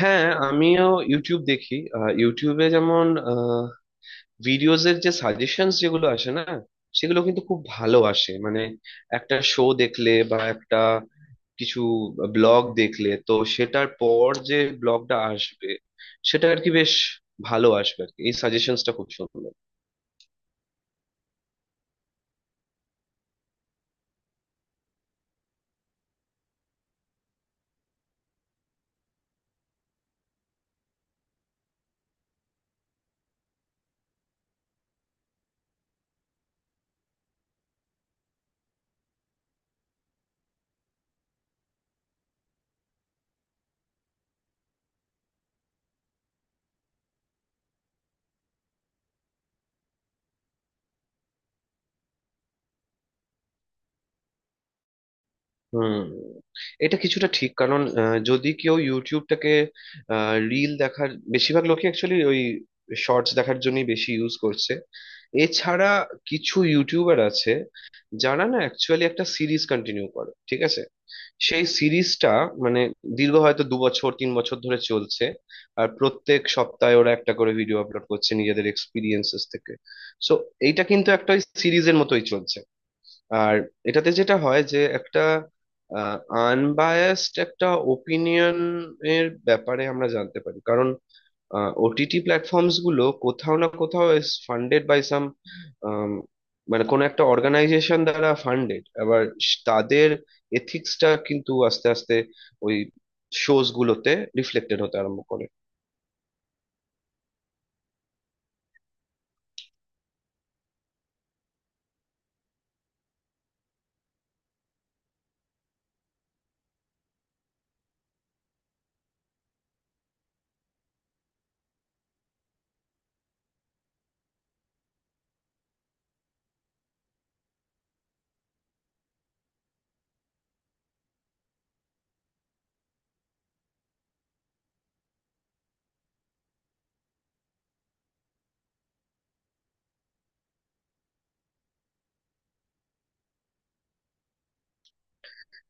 হ্যাঁ, আমিও ইউটিউব দেখি। ইউটিউবে যেমন ভিডিওজের যে সাজেশনস যেগুলো আসে না, সেগুলো কিন্তু খুব ভালো আসে। মানে একটা শো দেখলে বা একটা কিছু ব্লগ দেখলে তো সেটার পর যে ব্লগটা আসবে সেটা আর কি বেশ ভালো আসবে আর কি, এই সাজেশনসটা খুব সুন্দর। হুম, এটা কিছুটা ঠিক। কারণ যদি কেউ ইউটিউবটাকে রিল দেখার, বেশিরভাগ লোকই অ্যাকচুয়ালি ওই শর্টস দেখার জন্যই বেশি ইউজ করছে। এছাড়া কিছু ইউটিউবার আছে যারা না অ্যাকচুয়ালি একটা সিরিজ কন্টিনিউ করে, ঠিক আছে? সেই সিরিজটা মানে দীর্ঘ হয়তো দু বছর তিন বছর ধরে চলছে, আর প্রত্যেক সপ্তাহে ওরা একটা করে ভিডিও আপলোড করছে নিজেদের এক্সপিরিয়েন্সেস থেকে। সো এইটা কিন্তু একটা সিরিজের মতোই চলছে। আর এটাতে যেটা হয় যে একটা আনবায়াসড একটা ওপিনিয়ন এর ব্যাপারে আমরা জানতে পারি। কারণ ওটিটি প্ল্যাটফর্মস গুলো কোথাও না কোথাও ইজ ফান্ডেড বাই সাম, মানে কোনো একটা অর্গানাইজেশন দ্বারা ফান্ডেড। আবার তাদের এথিক্সটা কিন্তু আস্তে আস্তে ওই শোজ গুলোতে রিফ্লেক্টেড হতে আরম্ভ করে।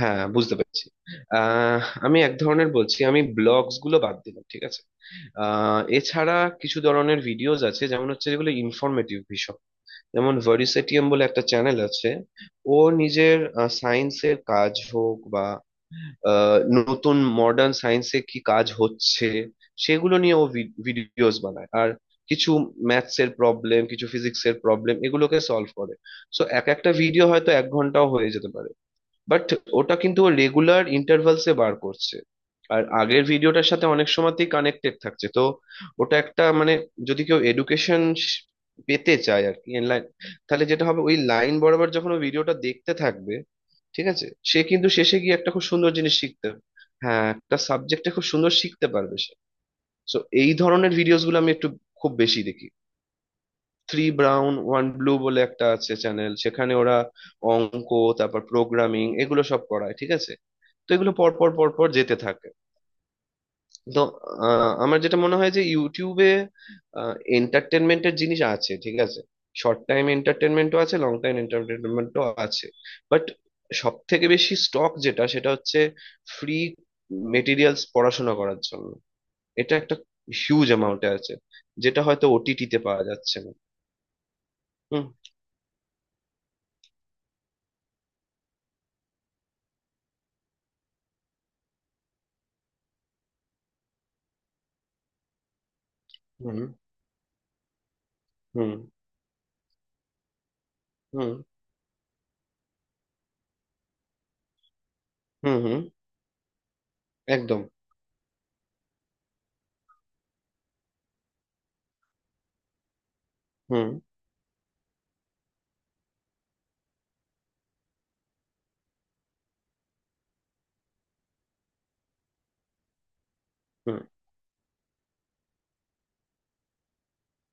হ্যাঁ, বুঝতে পেরেছি। আহ, আমি এক ধরনের বলছি, আমি ব্লগস গুলো বাদ দিলাম, ঠিক আছে? এছাড়া কিছু ধরনের ভিডিওস আছে যেমন হচ্ছে যেগুলো ইনফরমেটিভ ভীষণ। যেমন ভার্সেটিয়াম বলে একটা চ্যানেল আছে। ও নিজের সায়েন্সের কাজ হোক বা নতুন মডার্ন সায়েন্সে কি কাজ হচ্ছে, সেগুলো নিয়ে ও ভিডিওস বানায়। আর কিছু ম্যাথস এর প্রবলেম, কিছু ফিজিক্স এর প্রবলেম এগুলোকে সলভ করে। সো এক একটা ভিডিও হয়তো এক ঘন্টাও হয়ে যেতে পারে, বাট ওটা কিন্তু ও রেগুলার ইন্টারভালসে বার করছে। আর আগের ভিডিওটার সাথে অনেক সময়তেই কানেক্টেড থাকছে। তো ওটা একটা মানে, যদি কেউ এডুকেশন পেতে চায় আর কি লাইন, তাহলে যেটা হবে ওই লাইন বরাবর যখন ও ভিডিওটা দেখতে থাকবে, ঠিক আছে, সে কিন্তু শেষে গিয়ে একটা খুব সুন্দর জিনিস শিখতে। হ্যাঁ, একটা সাবজেক্টে খুব সুন্দর শিখতে পারবে সে। সো এই ধরনের ভিডিওস গুলো আমি একটু খুব বেশি দেখি। থ্রি ব্রাউন ওয়ান ব্লু বলে একটা আছে চ্যানেল, সেখানে ওরা অঙ্ক, তারপর প্রোগ্রামিং, এগুলো সব করায়, ঠিক আছে? তো এগুলো পর পর পর পর যেতে থাকে। তো আমার যেটা মনে হয় যে ইউটিউবে এন্টারটেনমেন্টের জিনিস আছে, ঠিক আছে, শর্ট টাইম এন্টারটেনমেন্টও আছে, লং টাইম এন্টারটেনমেন্টও আছে। বাট সব থেকে বেশি স্টক যেটা সেটা হচ্ছে ফ্রি মেটেরিয়ালস পড়াশোনা করার জন্য। এটা একটা হিউজ অ্যামাউন্টে আছে, যেটা হয়তো ওটিটিতে পাওয়া যাচ্ছে না। হুম, হুম, হুম, হুম, হুম, হুম, একদম। হুম, হুম,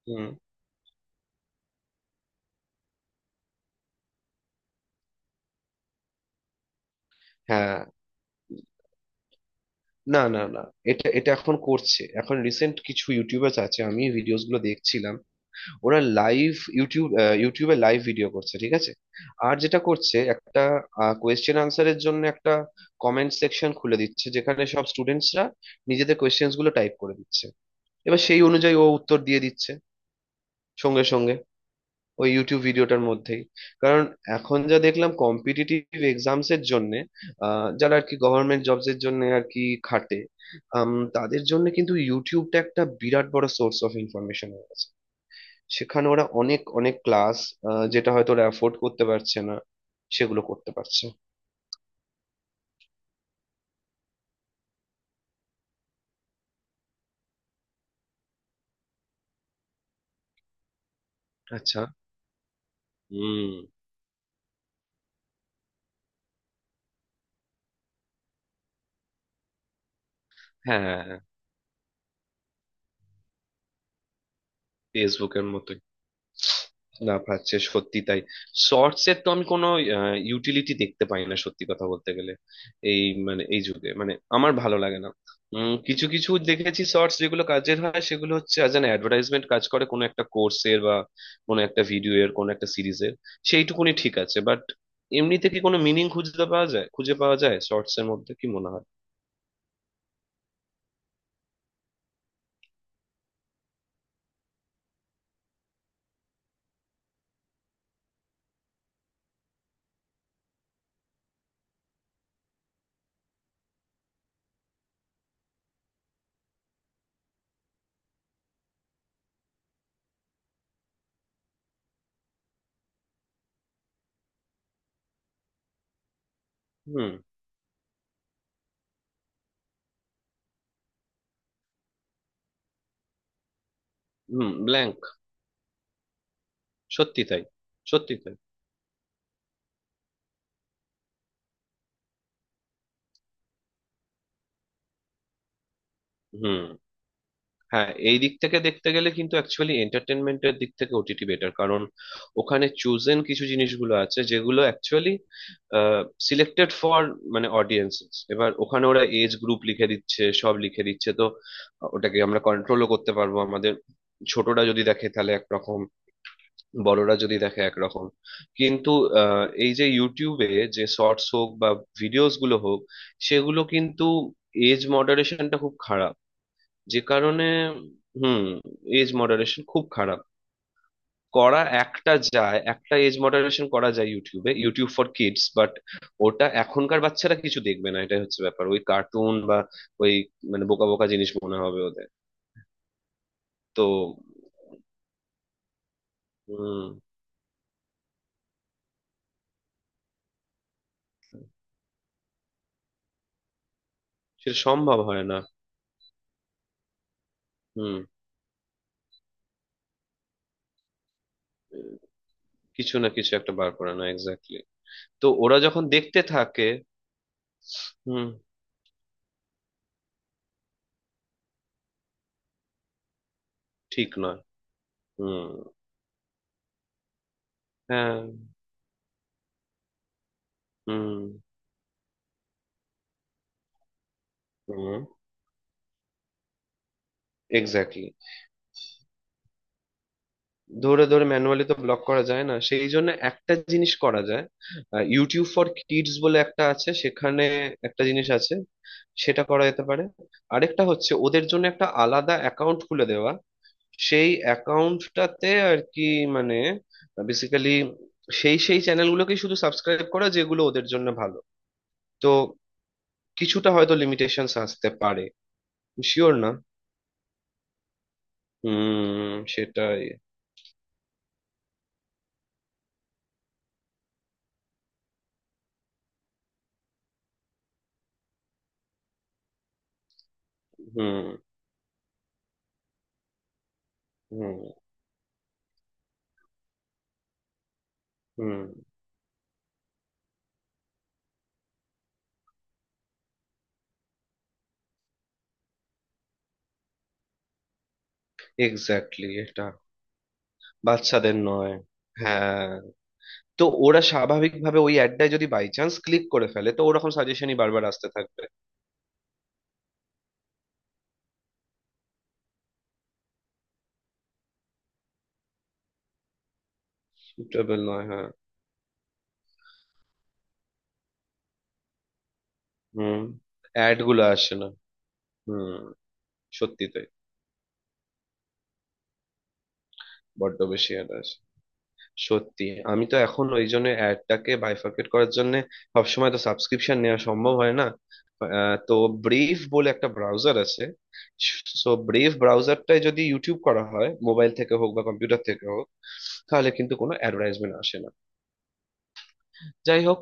হুম, হ্যাঁ। না, না, না, এটা এটা এখন করছে। এখন রিসেন্ট কিছু ইউটিউবার্স আছে, আমি ভিডিওস গুলো দেখছিলাম, ওরা লাইভ ইউটিউব ইউটিউবে লাইভ ভিডিও করছে, ঠিক আছে? আর যেটা করছে, একটা কোয়েশ্চেন আনসারের জন্য একটা কমেন্ট সেকশন খুলে দিচ্ছে, যেখানে সব স্টুডেন্টসরা নিজেদের কোয়েশ্চেন্স গুলো টাইপ করে দিচ্ছে, এবার সেই অনুযায়ী ও উত্তর দিয়ে দিচ্ছে সঙ্গে সঙ্গে ওই ইউটিউব ভিডিওটার মধ্যেই। কারণ এখন যা দেখলাম কম্পিটিটিভ এক্সামস এর জন্য যারা আর কি গভর্নমেন্ট জবস এর জন্য আর কি খাটে, আম, তাদের জন্য কিন্তু ইউটিউবটা একটা বিরাট বড় সোর্স অফ ইনফরমেশন হয়ে গেছে। সেখানে ওরা অনেক অনেক ক্লাস যেটা হয়তো ওরা অ্যাফোর্ড করতে পারছে না, সেগুলো করতে পারছে। আচ্ছা। হুম। হ্যাঁ। ফেসবুকের মতো না পাচ্ছে, সত্যি তাই। শর্টস এর তো আমি কোনো ইউটিলিটি দেখতে পাই না, সত্যি কথা বলতে গেলে। এই মানে এই যুগে মানে আমার ভালো লাগে না। কিছু কিছু দেখেছি শর্টস যেগুলো কাজের হয়, সেগুলো হচ্ছে অ্যাজ অ্যান অ্যাডভার্টাইজমেন্ট, কাজ করে কোনো একটা কোর্সের বা কোনো একটা ভিডিও এর কোনো একটা সিরিজের। সেইটুকুনি ঠিক আছে, বাট এমনিতে কি কোনো মিনিং খুঁজে পাওয়া যায়, খুঁজে পাওয়া যায় শর্টস এর মধ্যে, কি মনে হয়? হুম। হুম, ব্ল্যাঙ্ক। সত্যি তাই। সত্যি তাই। হুম। হ্যাঁ, এই দিক থেকে দেখতে গেলে কিন্তু অ্যাকচুয়ালি এন্টারটেনমেন্টের দিক থেকে ওটিটি বেটার। কারণ ওখানে চুজেন কিছু জিনিসগুলো আছে যেগুলো অ্যাকচুয়ালি সিলেক্টেড ফর মানে অডিয়েন্স। এবার ওখানে ওরা এজ গ্রুপ লিখে দিচ্ছে, সব লিখে দিচ্ছে। তো ওটাকে আমরা কন্ট্রোলও করতে পারবো আমাদের। ছোটরা যদি দেখে তাহলে একরকম, বড়রা যদি দেখে একরকম। কিন্তু এই যে ইউটিউবে যে শর্টস হোক বা ভিডিওস গুলো হোক, সেগুলো কিন্তু এজ মডারেশনটা খুব খারাপ। যে কারণে, হুম, এজ মডারেশন খুব খারাপ। করা একটা যায়, একটা এজ মডারেশন করা যায় ইউটিউবে, ইউটিউব ফর কিডস, বাট ওটা এখনকার বাচ্চারা কিছু দেখবে না, এটাই হচ্ছে ব্যাপার। ওই কার্টুন বা ওই মানে বোকা বোকা জিনিস মনে হবে ওদের। তো হুম, সেটা সম্ভব হয় না। হুম, কিছু না কিছু একটা বার করে না, এক্স্যাক্টলি। তো ওরা যখন দেখতে থাকে, হুম, ঠিক নয়। হুম। হ্যাঁ। হুম। হুম, এক্স্যাক্টলি। ধরে ধরে ম্যানুয়ালি তো ব্লক করা যায় না, সেই জন্য একটা জিনিস করা যায়। ইউটিউব ফর কিডস বলে একটা আছে, সেখানে একটা জিনিস আছে, সেটা করা যেতে পারে। আরেকটা হচ্ছে ওদের জন্য একটা আলাদা অ্যাকাউন্ট খুলে দেওয়া, সেই অ্যাকাউন্টটাতে আর কি মানে বেসিক্যালি সেই সেই চ্যানেলগুলোকেই শুধু সাবস্ক্রাইব করা যেগুলো ওদের জন্য ভালো। তো কিছুটা হয়তো লিমিটেশনস আসতে পারে। শিওর না। হুম, সেটাই। হুম। হুম। হুম, এক্স্যাক্টলি, এটা বাচ্চাদের নয়। হ্যাঁ। তো ওরা স্বাভাবিকভাবে ওই অ্যাডটায় যদি বাই চান্স ক্লিক করে ফেলে, তো ওরকম সাজেশনই বারবার আসতে থাকবে। সুটেবল নয়, হ্যাঁ। হুম, অ্যাড গুলো আসে না। হুম, সত্যি তাই। বড্ড বেশি অ্যাড আসে, সত্যি। আমি তো এখন ওই জন্য অ্যাডটাকে বাইফার্কেট করার জন্য, সবসময় তো সাবস্ক্রিপশন নেওয়া সম্ভব হয় না, তো ব্রেভ বলে একটা ব্রাউজার আছে। সো ব্রেভ ব্রাউজারটায় যদি ইউটিউব করা হয় মোবাইল থেকে হোক বা কম্পিউটার থেকে হোক, তাহলে কিন্তু কোনো অ্যাডভার্টাইজমেন্ট আসে না। যাই হোক।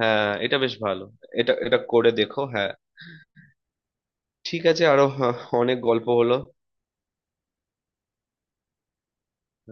হ্যাঁ, এটা বেশ ভালো। এটা এটা করে দেখো, হ্যাঁ। ঠিক আছে। আরো হ্যাঁ, অনেক গল্প হলো।